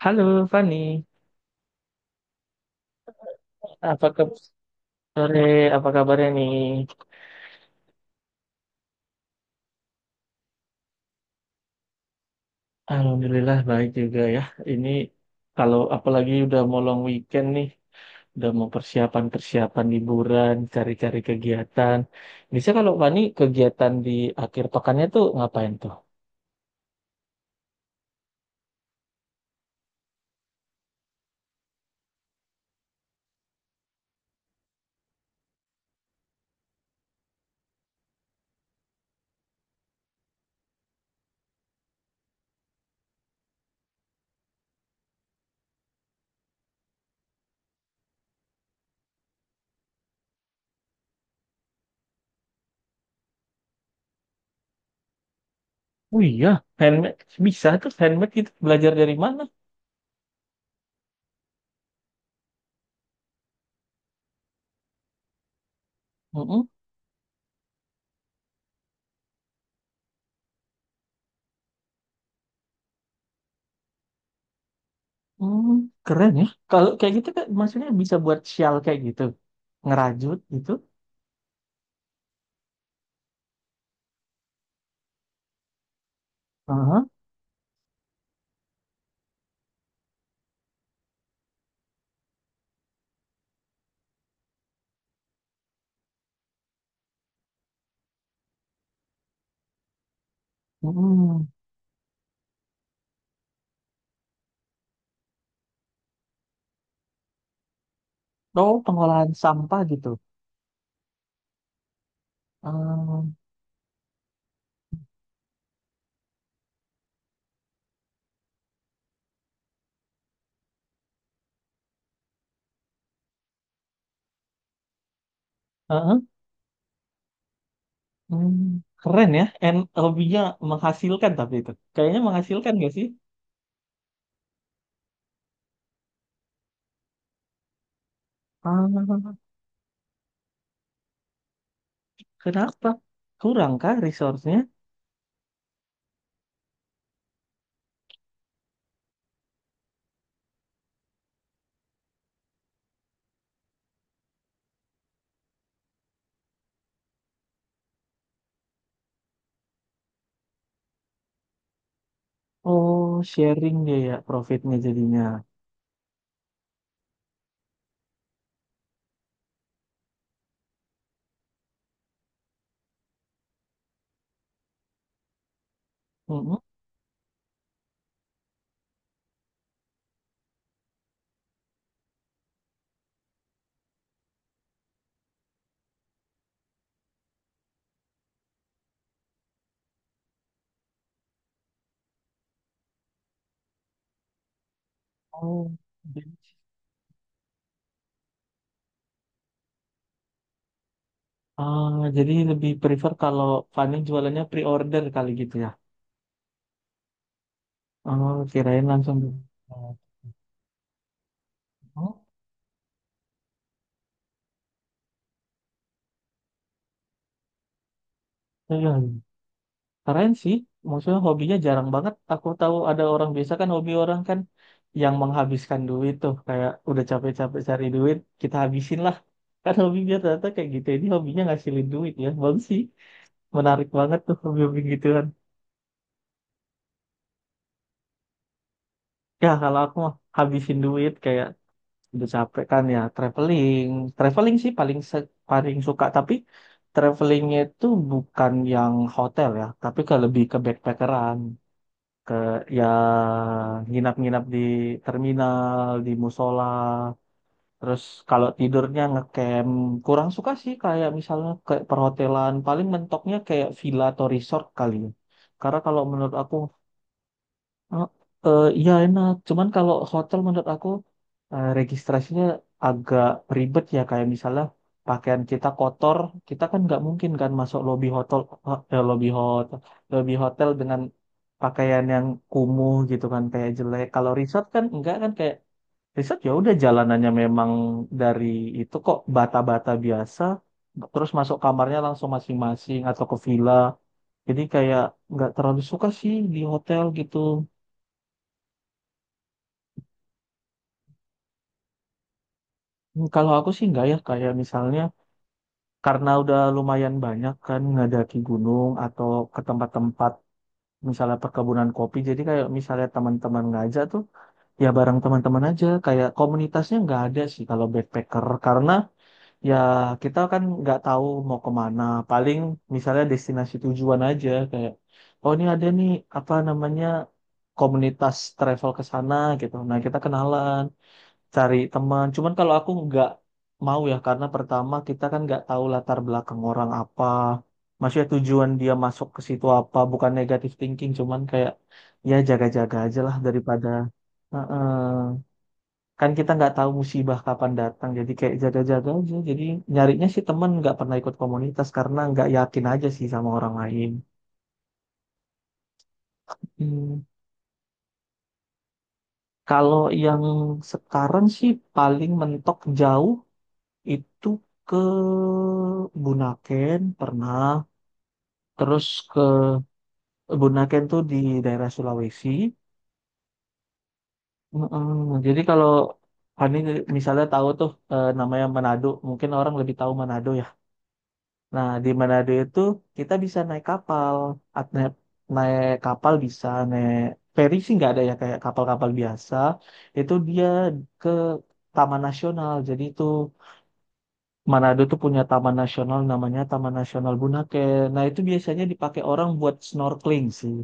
Halo Fani, apa kabar sore? Apa kabarnya nih? Alhamdulillah baik juga ya. Ini kalau apalagi udah mau long weekend nih, udah mau persiapan-persiapan liburan, cari-cari kegiatan. Bisa kalau Fani kegiatan di akhir pekannya tuh ngapain tuh? Oh iya, handmade bisa tuh handmade gitu belajar dari mana? Mm-mm. Hmm, keren ya. Kalau kayak gitu kan maksudnya bisa buat shawl kayak gitu, ngerajut gitu. Aha. Oh, pengolahan sampah gitu. Ehm, heeh, hmm, keren ya. And hobinya menghasilkan tapi itu. Kayaknya menghasilkan gak sih? Ah, kenapa? Kurang kah resource-nya? Oh, sharing dia ya profitnya jadinya. Mm-mm. Oh, jadi- ah, jadi lebih prefer kalau Fani jualannya pre-order kali gitu ya. Oh, kirain langsung. Di- Oh, iya. Keren sih, maksudnya hobinya jarang banget. Aku tahu ada orang biasa kan hobi orang kan yang menghabiskan duit tuh kayak udah capek-capek cari duit kita habisin lah. Kan hobi dia ternyata kayak gitu. Ya. Ini hobinya ngasilin duit ya, bagus sih. Menarik banget tuh hobi-hobi gituan. Ya kalau aku mah habisin duit kayak udah capek kan ya traveling. Traveling sih paling paling suka tapi travelingnya itu bukan yang hotel ya, tapi ke lebih ke backpackeran. Ke ya nginap-nginap di terminal, di musola. Terus kalau tidurnya ngecamp, kurang suka sih kayak misalnya ke perhotelan, paling mentoknya kayak villa atau resort kali ya. Karena kalau menurut aku oh, iya enak. Cuman kalau hotel menurut aku registrasinya agak ribet ya. Kayak misalnya pakaian kita kotor, kita kan nggak mungkin kan masuk lobby hotel, lobby hotel, lobby hotel dengan pakaian yang kumuh gitu kan, kayak jelek. Kalau resort kan enggak kan kayak resort ya udah jalanannya memang dari itu kok bata-bata biasa. Terus masuk kamarnya langsung masing-masing atau ke villa. Jadi kayak nggak terlalu suka sih di hotel gitu. Hmm, kalau aku sih enggak ya, kayak misalnya karena udah lumayan banyak kan ngadaki gunung atau ke tempat-tempat misalnya perkebunan kopi. Jadi kayak misalnya teman-teman ngajak tuh ya bareng teman-teman aja. Kayak komunitasnya nggak ada sih kalau backpacker karena ya kita kan nggak tahu mau kemana. Paling misalnya destinasi tujuan aja kayak oh ini ada nih apa namanya komunitas travel ke sana gitu. Nah kita kenalan cari teman. Cuman kalau aku nggak mau ya karena pertama kita kan nggak tahu latar belakang orang apa. Maksudnya tujuan dia masuk ke situ apa, bukan negatif thinking, cuman kayak ya jaga-jaga aja lah daripada heeh. Kan kita nggak tahu musibah kapan datang, jadi kayak jaga-jaga aja. Jadi nyarinya sih teman nggak pernah ikut komunitas karena nggak yakin aja sih sama orang lain. Hmm. Kalau yang sekarang sih paling mentok jauh itu ke Bunaken pernah terus ke Bunaken tuh di daerah Sulawesi. Mm-mm. Jadi kalau Fani misalnya tahu tuh namanya Manado mungkin orang lebih tahu Manado ya, nah di Manado itu kita bisa naik kapal. At- naik, naik kapal bisa naik feri sih nggak ada ya kayak kapal-kapal biasa itu dia ke Taman Nasional, jadi itu Manado tuh punya taman nasional namanya Taman Nasional Bunake. Nah, itu biasanya dipakai orang buat snorkeling sih.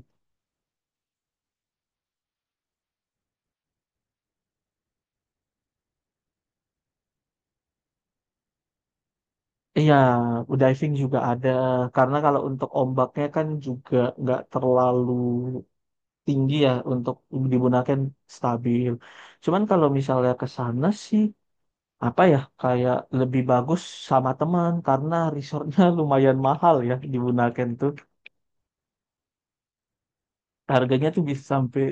Iya, diving juga ada. Karena kalau untuk ombaknya kan juga nggak terlalu tinggi ya untuk di Bunake kan stabil. Cuman kalau misalnya ke sana sih apa ya kayak lebih bagus sama teman karena resortnya lumayan mahal ya di Bunaken tuh harganya tuh bisa sampai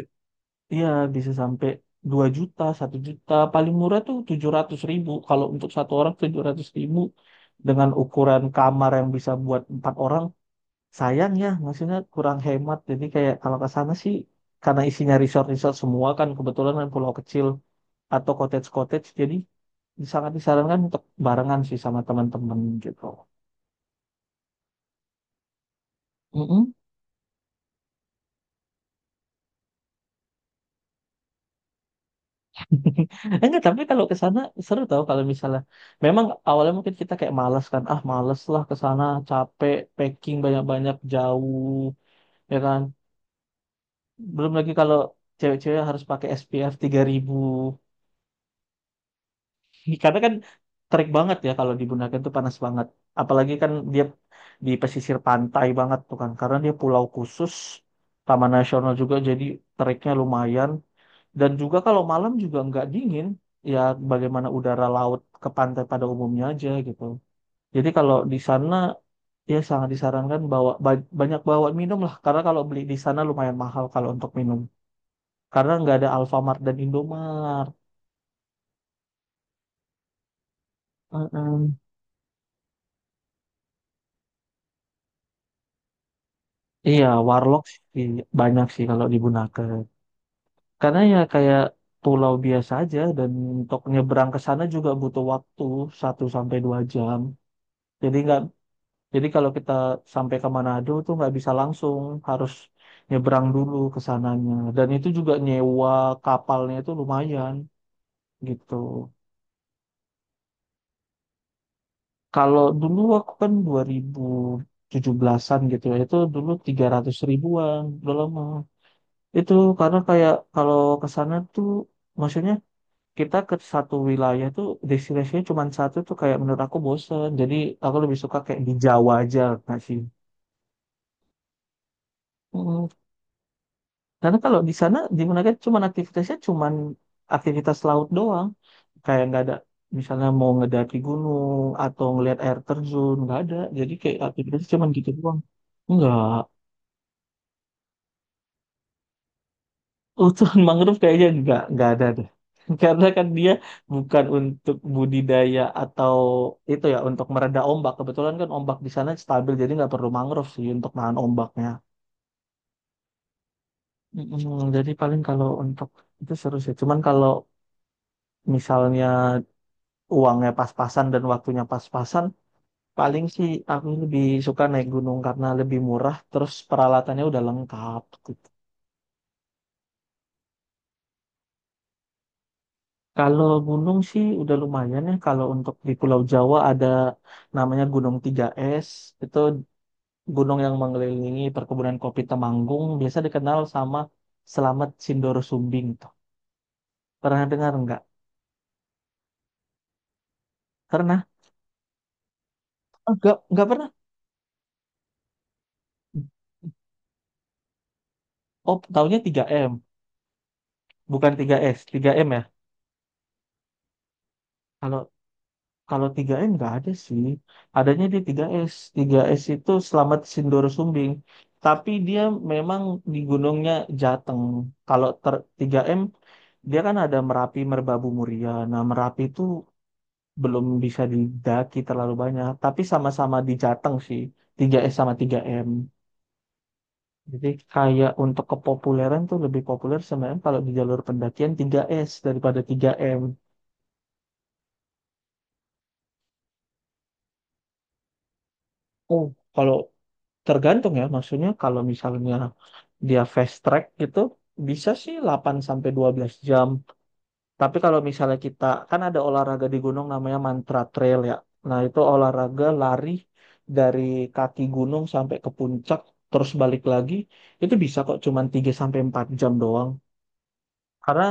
iya, bisa sampai 2 juta, 1 juta. Paling murah tuh 700 ribu. Kalau untuk satu orang 700 ribu dengan ukuran kamar yang bisa buat 4 orang, sayang ya, maksudnya kurang hemat. Jadi kayak kalau ke sana sih, karena isinya resort-resort semua kan, kebetulan kan pulau kecil atau cottage-cottage, jadi sangat disarankan untuk barengan sih sama teman-teman gitu. Enggak, tapi kalau ke sana seru tau kalau misalnya memang awalnya mungkin kita kayak malas kan. Ah, malas lah ke sana, capek, packing banyak-banyak jauh, ya kan. Belum lagi kalau cewek-cewek harus pakai SPF ribu. Karena kan terik banget ya kalau di Bunaken tuh panas banget. Apalagi kan dia di pesisir pantai banget tuh kan. Karena dia pulau khusus, taman nasional juga jadi teriknya lumayan. Dan juga kalau malam juga nggak dingin, ya bagaimana udara laut ke pantai pada umumnya aja gitu. Jadi kalau di sana ya sangat disarankan bawa banyak bawa minum lah, karena kalau beli di sana lumayan mahal kalau untuk minum, karena nggak ada Alfamart dan Indomart. Mm-mm. Iya, Warlock sih banyak sih kalau di Bunaken. Karena ya kayak pulau biasa aja dan untuk nyebrang ke sana juga butuh waktu 1 sampai 2 jam. Jadi nggak jadi kalau kita sampai ke Manado tuh nggak bisa langsung, harus nyebrang dulu ke sananya. Dan itu juga nyewa kapalnya itu lumayan gitu. Kalau dulu aku kan 2017-an gitu ya, itu dulu 300 ribuan, udah lama. Itu karena kayak kalau ke sana tuh, maksudnya kita ke satu wilayah tuh destinasinya cuma satu tuh kayak menurut aku bosen. Jadi aku lebih suka kayak di Jawa aja nggak sih? Karena kalau di sana di Menakes cuman aktivitasnya cuman aktivitas laut doang. Kayak nggak ada misalnya mau ngedaki gunung atau ngelihat air terjun nggak ada. Jadi kayak aktivitasnya cuman gitu doang. Enggak. Hutan mangrove kayaknya nggak ada deh. Karena kan dia bukan untuk budidaya atau itu ya untuk mereda ombak. Kebetulan kan ombak di sana stabil jadi nggak perlu mangrove sih untuk nahan ombaknya. Mm, jadi paling kalau untuk itu seru sih. Cuman kalau misalnya uangnya pas-pasan dan waktunya pas-pasan, paling sih aku lebih suka naik gunung karena lebih murah, terus peralatannya udah lengkap. Gitu. Kalau gunung sih udah lumayan ya. Kalau untuk di Pulau Jawa ada namanya Gunung Tiga s, itu gunung yang mengelilingi perkebunan kopi Temanggung, biasa dikenal sama Selamat Sindoro Sumbing. Tuh. Pernah dengar nggak? Pernah? Enggak, nggak pernah. Oh, taunya tiga m bukan tiga s tiga m ya. Kalau Kalau tiga m nggak ada sih. Adanya di tiga s, tiga s itu Selamat Sindoro Sumbing. Tapi dia memang di gunungnya Jateng. Kalau ter 3M, dia kan ada Merapi, Merbabu, Muria. Nah, Merapi itu belum bisa didaki terlalu banyak. Tapi sama-sama di Jateng sih. Tiga s sama tiga m. Jadi kayak untuk kepopuleran tuh lebih populer sebenarnya kalau di jalur pendakian tiga s daripada tiga m. Oh, kalau tergantung ya. Maksudnya kalau misalnya dia fast track gitu bisa sih 8 sampai 12 jam. Tapi kalau misalnya kita kan ada olahraga di gunung namanya mantra trail ya. Nah, itu olahraga lari dari kaki gunung sampai ke puncak terus balik lagi itu bisa kok cuman 3 sampai 4 jam doang. Karena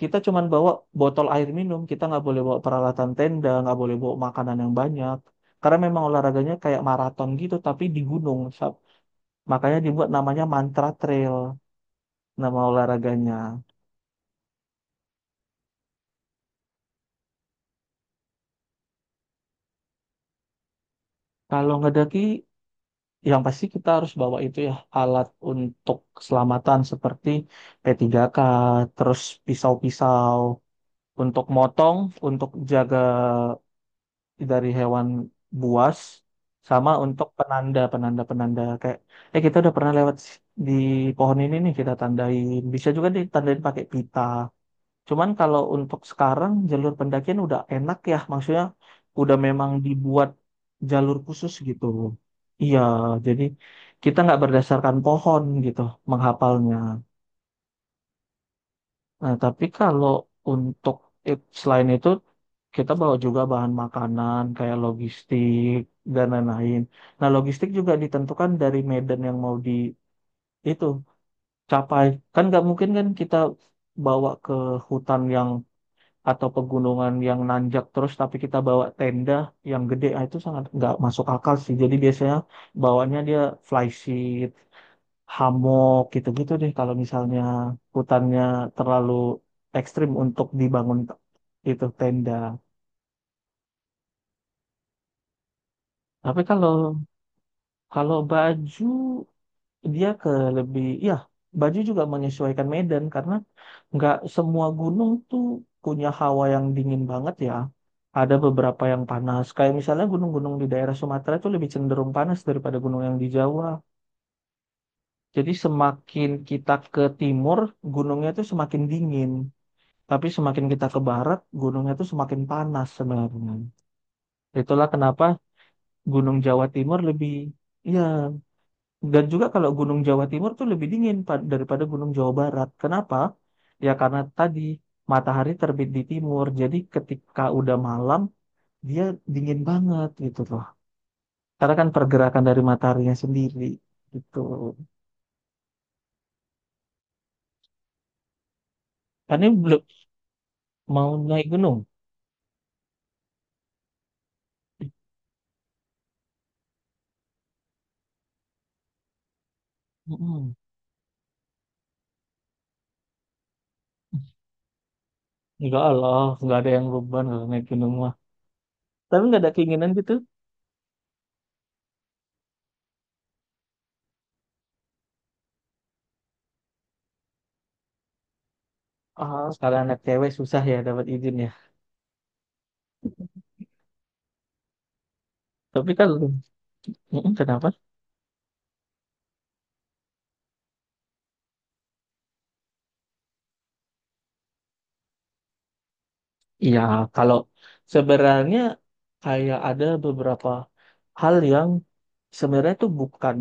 kita cuman bawa botol air minum, kita nggak boleh bawa peralatan tenda, nggak boleh bawa makanan yang banyak. Karena memang olahraganya kayak maraton gitu tapi di gunung. Sab. Makanya dibuat namanya mantra trail, nama olahraganya. Kalau ngedaki, yang pasti kita harus bawa itu ya alat untuk keselamatan seperti P3K, terus pisau-pisau untuk motong, untuk jaga dari hewan buas, sama untuk penanda, penanda-penanda kayak, eh kita udah pernah lewat di pohon ini nih kita tandain. Bisa juga ditandain pakai pita. Cuman kalau untuk sekarang jalur pendakian udah enak ya, maksudnya udah memang dibuat jalur khusus gitu. Iya, jadi kita nggak berdasarkan pohon gitu menghafalnya. Nah, tapi kalau untuk selain itu kita bawa juga bahan makanan kayak logistik dan lain-lain. Nah, logistik juga ditentukan dari medan yang mau di itu capai. Kan nggak mungkin kan kita bawa ke hutan yang atau pegunungan yang nanjak terus tapi kita bawa tenda yang gede ah, itu sangat nggak masuk akal sih jadi biasanya bawanya dia flysheet hammock gitu-gitu deh kalau misalnya hutannya terlalu ekstrim untuk dibangun itu tenda. Tapi kalau kalau baju dia ke lebih ya baju juga menyesuaikan medan karena nggak semua gunung tuh punya hawa yang dingin banget ya, ada beberapa yang panas kayak misalnya gunung-gunung di daerah Sumatera itu lebih cenderung panas daripada gunung yang di Jawa, jadi semakin kita ke timur gunungnya tuh semakin dingin tapi semakin kita ke barat gunungnya tuh semakin panas sebenarnya, itulah kenapa Gunung Jawa Timur lebih ya. Dan juga kalau Gunung Jawa Timur tuh lebih dingin daripada Gunung Jawa Barat. Kenapa? Ya karena tadi matahari terbit di timur, jadi ketika udah malam dia dingin banget gitu loh. Karena kan pergerakan dari mataharinya sendiri gitu. Kan ini belum mau naik gunung. Mm-mm. Enggak lah, nggak ada yang beban kalau naik gunung mah. Tapi nggak ada keinginan gitu. Ah, sekarang anak cewek susah ya dapat izin ya. Tapi kalau mm-mm, kenapa? Iya, kalau sebenarnya kayak ada beberapa hal yang sebenarnya itu bukan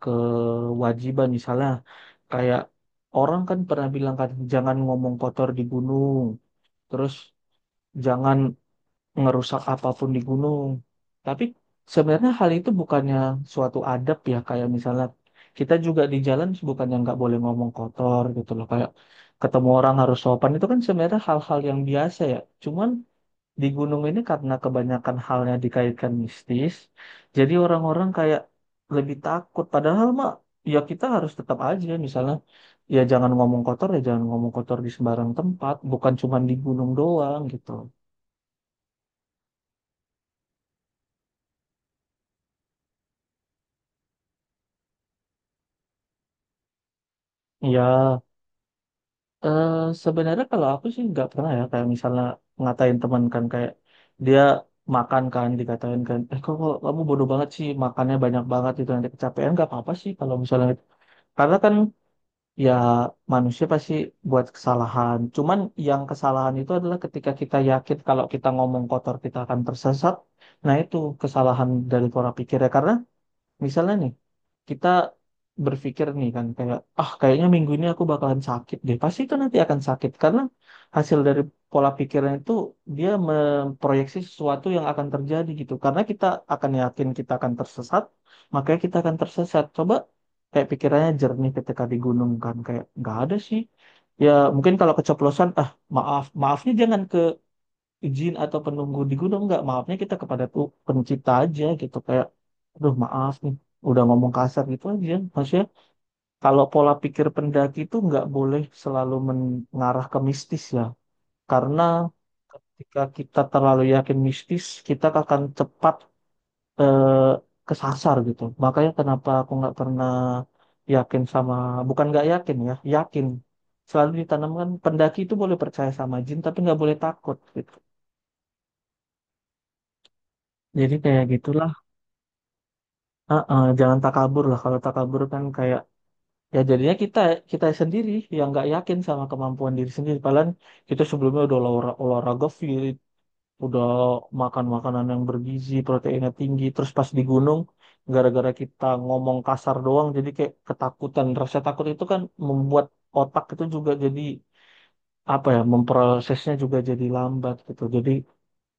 kewajiban misalnya kayak orang kan pernah bilang kan jangan ngomong kotor di gunung, terus jangan ngerusak apapun di gunung. Tapi sebenarnya hal itu bukannya suatu adab ya kayak misalnya kita juga di jalan bukannya nggak boleh ngomong kotor gitu loh kayak ketemu orang harus sopan itu kan sebenarnya hal-hal yang biasa ya. Cuman di gunung ini karena kebanyakan halnya dikaitkan mistis, jadi orang-orang kayak lebih takut. Padahal mah, ya kita harus tetap aja misalnya, ya jangan ngomong kotor, ya jangan ngomong kotor di sembarang tempat, bukan cuma di gunung doang gitu. Ya, eh, sebenarnya kalau aku sih nggak pernah, ya kayak misalnya ngatain teman kan, kayak dia makan kan dikatain kan, kok kamu bodoh banget sih, makannya banyak banget, itu nanti kecapean. Nggak apa-apa sih kalau misalnya, karena kan, ya, manusia pasti buat kesalahan. Cuman yang kesalahan itu adalah ketika kita yakin kalau kita ngomong kotor kita akan tersesat. Nah, itu kesalahan dari pola pikirnya. Karena misalnya nih, kita berpikir nih kan kayak, ah kayaknya minggu ini aku bakalan sakit deh. Pasti itu nanti akan sakit, karena hasil dari pola pikirnya itu, dia memproyeksi sesuatu yang akan terjadi gitu. Karena kita akan yakin kita akan tersesat, makanya kita akan tersesat. Coba kayak pikirannya jernih ketika di gunung kan, kayak nggak ada sih. Ya mungkin kalau keceplosan, ah maaf, maafnya jangan ke izin atau penunggu di gunung, nggak, maafnya kita kepada tuh pencipta aja, gitu kayak aduh maaf nih udah ngomong kasar, gitu aja maksudnya. Kalau pola pikir pendaki itu nggak boleh selalu mengarah ke mistis ya, karena ketika kita terlalu yakin mistis, kita akan cepat eh, kesasar gitu. Makanya kenapa aku nggak pernah yakin sama, bukan nggak yakin ya, yakin, selalu ditanamkan pendaki itu boleh percaya sama jin tapi nggak boleh takut gitu, jadi kayak gitulah. Heeh, jangan takabur lah. Kalau takabur kan kayak, ya jadinya kita, kita sendiri yang nggak yakin sama kemampuan diri sendiri. Padahal kita sebelumnya udah olahraga fit, udah makan makanan yang bergizi, proteinnya tinggi. Terus pas di gunung, gara-gara kita ngomong kasar doang, jadi kayak ketakutan. Rasa takut itu kan membuat otak itu juga jadi, apa ya, memprosesnya juga jadi lambat gitu. Jadi,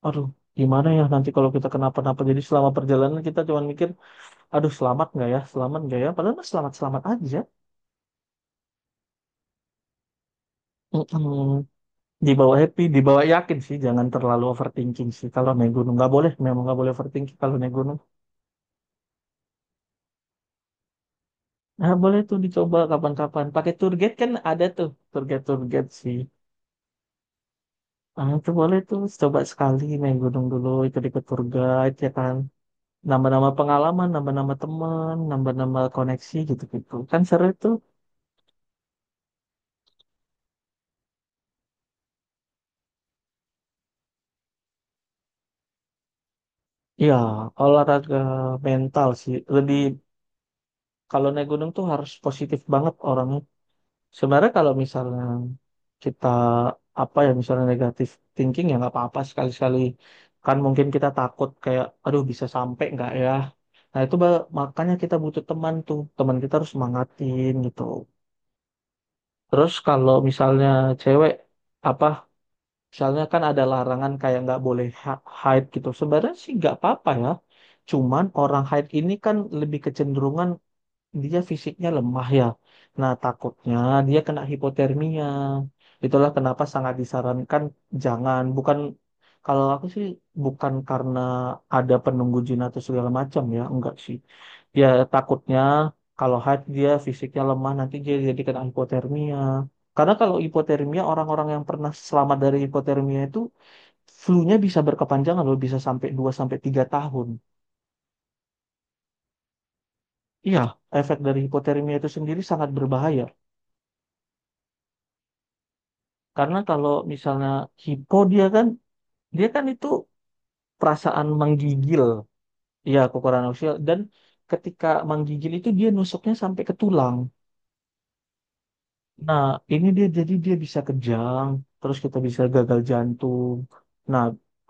aduh, gimana ya nanti kalau kita kenapa-napa. Jadi selama perjalanan kita cuma mikir, aduh selamat nggak ya selamat nggak ya, padahal mah selamat selamat aja. Mm-mm. Dibawa happy dibawa yakin sih, jangan terlalu overthinking sih kalau naik gunung, nggak boleh, memang nggak boleh overthinking kalau naik gunung. Nah boleh tuh dicoba kapan-kapan pakai tour guide, kan ada tuh tour guide, tour guide sih. Ah itu boleh tuh, coba sekali naik gunung dulu itu ikut tour guide, ya kan, nambah-nambah pengalaman, nambah-nambah teman, nambah-nambah koneksi, gitu-gitu kan seru itu. Ya olahraga, mental sih lebih, kalau naik gunung tuh harus positif banget orangnya. Sebenarnya kalau misalnya kita, apa ya, misalnya negatif thinking, ya nggak apa-apa sekali-sekali. Kan mungkin kita takut kayak aduh bisa sampai nggak ya. Nah itu makanya kita butuh teman tuh. Teman kita harus semangatin gitu. Terus kalau misalnya cewek, apa, misalnya kan ada larangan kayak nggak boleh hide gitu. Sebenarnya sih nggak apa-apa ya. Cuman orang hide ini kan lebih kecenderungan dia fisiknya lemah ya. Nah, takutnya dia kena hipotermia. Itulah kenapa sangat disarankan jangan, bukan, kalau aku sih bukan karena ada penunggu jin atau segala macam ya, enggak sih. Ya takutnya kalau haid dia fisiknya lemah nanti dia jadi kena hipotermia. Karena kalau hipotermia, orang-orang yang pernah selamat dari hipotermia itu flu-nya bisa berkepanjangan loh, bisa sampai 2 sampai 3 tahun. Iya, efek dari hipotermia itu sendiri sangat berbahaya. Karena kalau misalnya hipo, dia kan, dia kan itu perasaan menggigil, ya kekurangan sosial, dan ketika menggigil itu dia nusuknya sampai ke tulang. Nah, ini dia jadi dia bisa kejang, terus kita bisa gagal jantung. Nah,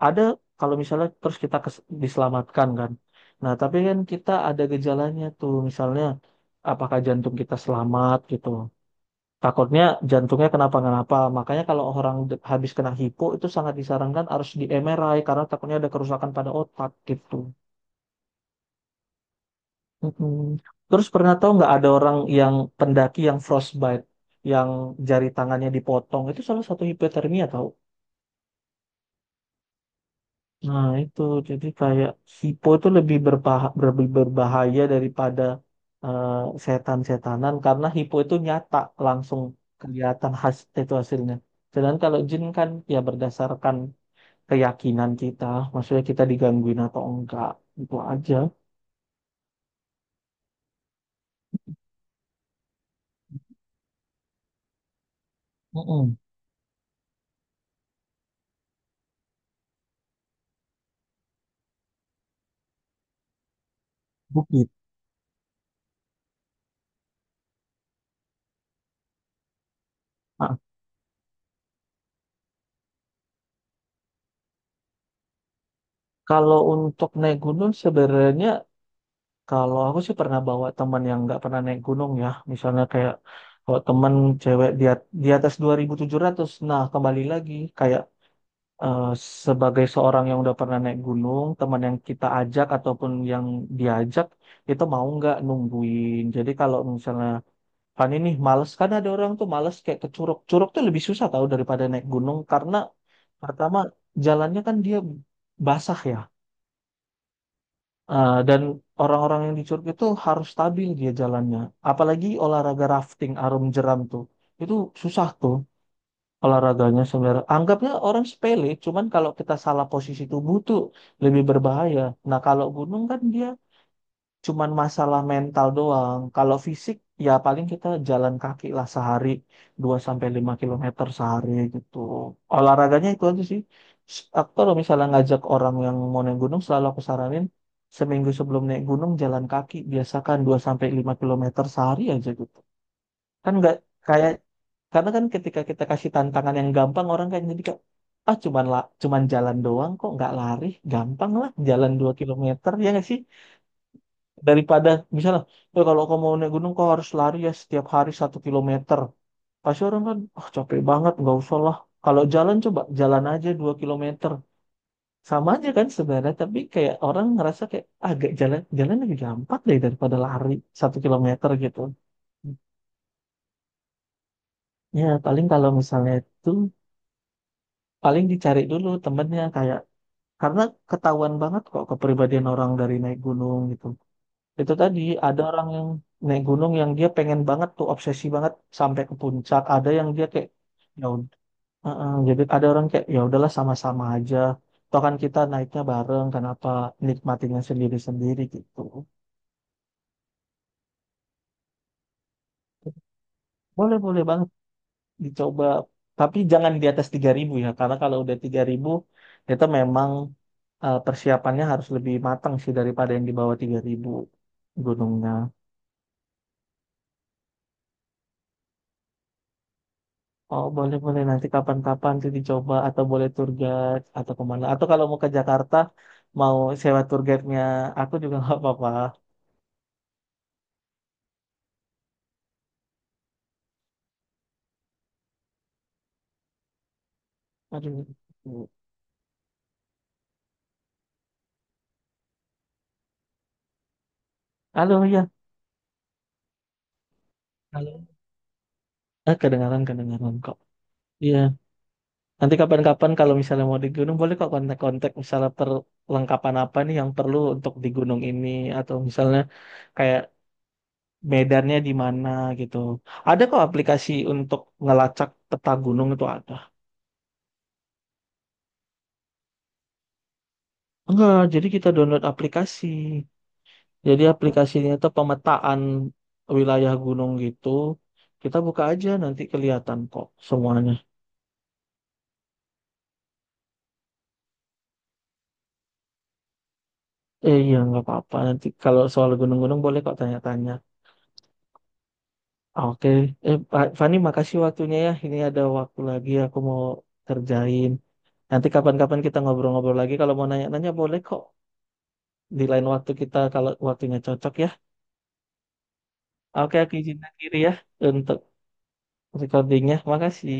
ada, kalau misalnya terus kita diselamatkan kan. Nah, tapi kan kita ada gejalanya tuh, misalnya apakah jantung kita selamat gitu. Takutnya jantungnya kenapa-kenapa. Makanya kalau orang habis kena hipo itu sangat disarankan harus di MRI, karena takutnya ada kerusakan pada otak gitu. Mm-mm. Terus pernah tahu nggak ada orang yang pendaki yang frostbite, yang jari tangannya dipotong, itu salah satu hipotermia tahu. Nah itu jadi kayak hipo itu lebih lebih berbahaya daripada eh, setan-setanan, karena hipo itu nyata, langsung kelihatan hasil, itu hasilnya. Sedangkan kalau jin kan ya berdasarkan keyakinan kita, maksudnya kita digangguin atau enggak, itu aja. Mm-mm, bukit. Nah, kalau untuk naik gunung sebenarnya, kalau aku sih pernah bawa teman yang nggak pernah naik gunung ya, misalnya kayak kalau teman cewek di atas 2700, nah kembali lagi kayak, eh, sebagai seorang yang udah pernah naik gunung, teman yang kita ajak ataupun yang diajak itu mau nggak nungguin. Jadi kalau misalnya, kan ini males kan, ada orang tuh males kayak ke Curug. Curug tuh lebih susah tahu daripada naik gunung, karena pertama jalannya kan dia basah ya. Eh, dan orang-orang yang di Curug itu harus stabil dia jalannya. Apalagi olahraga rafting arum jeram tuh. Itu susah tuh olahraganya sebenarnya. Anggapnya orang sepele, cuman kalau kita salah posisi tubuh tuh lebih berbahaya. Nah, kalau gunung kan dia cuman masalah mental doang. Kalau fisik ya paling kita jalan kaki lah sehari 2 sampai 5 kilometer sehari gitu. Olahraganya itu aja sih. Aku kalau misalnya ngajak orang yang mau naik gunung selalu aku saranin seminggu sebelum naik gunung jalan kaki, biasakan 2 sampai 5 kilometer sehari aja gitu. Kan nggak kayak, karena kan ketika kita kasih tantangan yang gampang, orang kan jadi kayak, ah cuman cuman jalan doang kok, nggak lari, gampang lah jalan 2 kilometer, ya nggak sih? Daripada misalnya ya, kalau kamu mau naik gunung kau harus lari ya setiap hari 1 kilometer, pasti orang kan, ah capek banget nggak usah lah. Kalau jalan, coba jalan aja 2 kilometer, sama aja kan sebenarnya, tapi kayak orang ngerasa kayak agak jalan, jalan lebih gampang deh daripada lari 1 kilometer gitu. Ya paling kalau misalnya itu, paling dicari dulu temennya kayak, karena ketahuan banget kok kepribadian orang dari naik gunung gitu. Itu tadi ada orang yang naik gunung yang dia pengen banget tuh obsesi banget sampai ke puncak. Ada yang dia kayak ya ud- uh-uh. Jadi ada orang kayak ya udahlah sama-sama aja. Toh kan kita naiknya bareng, kenapa nikmatinya sendiri-sendiri gitu. Boleh boleh banget dicoba. Tapi jangan di atas 3000 ya, karena kalau udah 3000 itu memang, persiapannya harus lebih matang sih daripada yang di bawah 3000 gunungnya. Oh boleh boleh, nanti kapan-kapan tuh dicoba atau boleh tour guide atau kemana, atau kalau mau ke Jakarta mau sewa tour guide-nya aku juga nggak apa-apa. Aduh. Halo ya. Halo. Ah kedengaran kedengaran kok. Iya. Nanti kapan-kapan kalau misalnya mau di gunung boleh kok kontak-kontak, misalnya perlengkapan apa nih yang perlu untuk di gunung ini, atau misalnya kayak medannya di mana gitu. Ada kok aplikasi untuk ngelacak peta gunung itu ada. Enggak, jadi kita download aplikasi. Jadi aplikasinya itu pemetaan wilayah gunung gitu. Kita buka aja nanti kelihatan kok semuanya. Eh iya nggak apa-apa, nanti kalau soal gunung-gunung boleh kok tanya-tanya. Ah, oke, eh Pak Fani makasih waktunya ya. Ini ada waktu lagi aku mau kerjain. Nanti kapan-kapan kita ngobrol-ngobrol lagi. Kalau mau nanya-nanya boleh kok, di lain waktu kita, kalau waktunya cocok ya. Oke, aku izin akhiri ya untuk recordingnya. Makasih.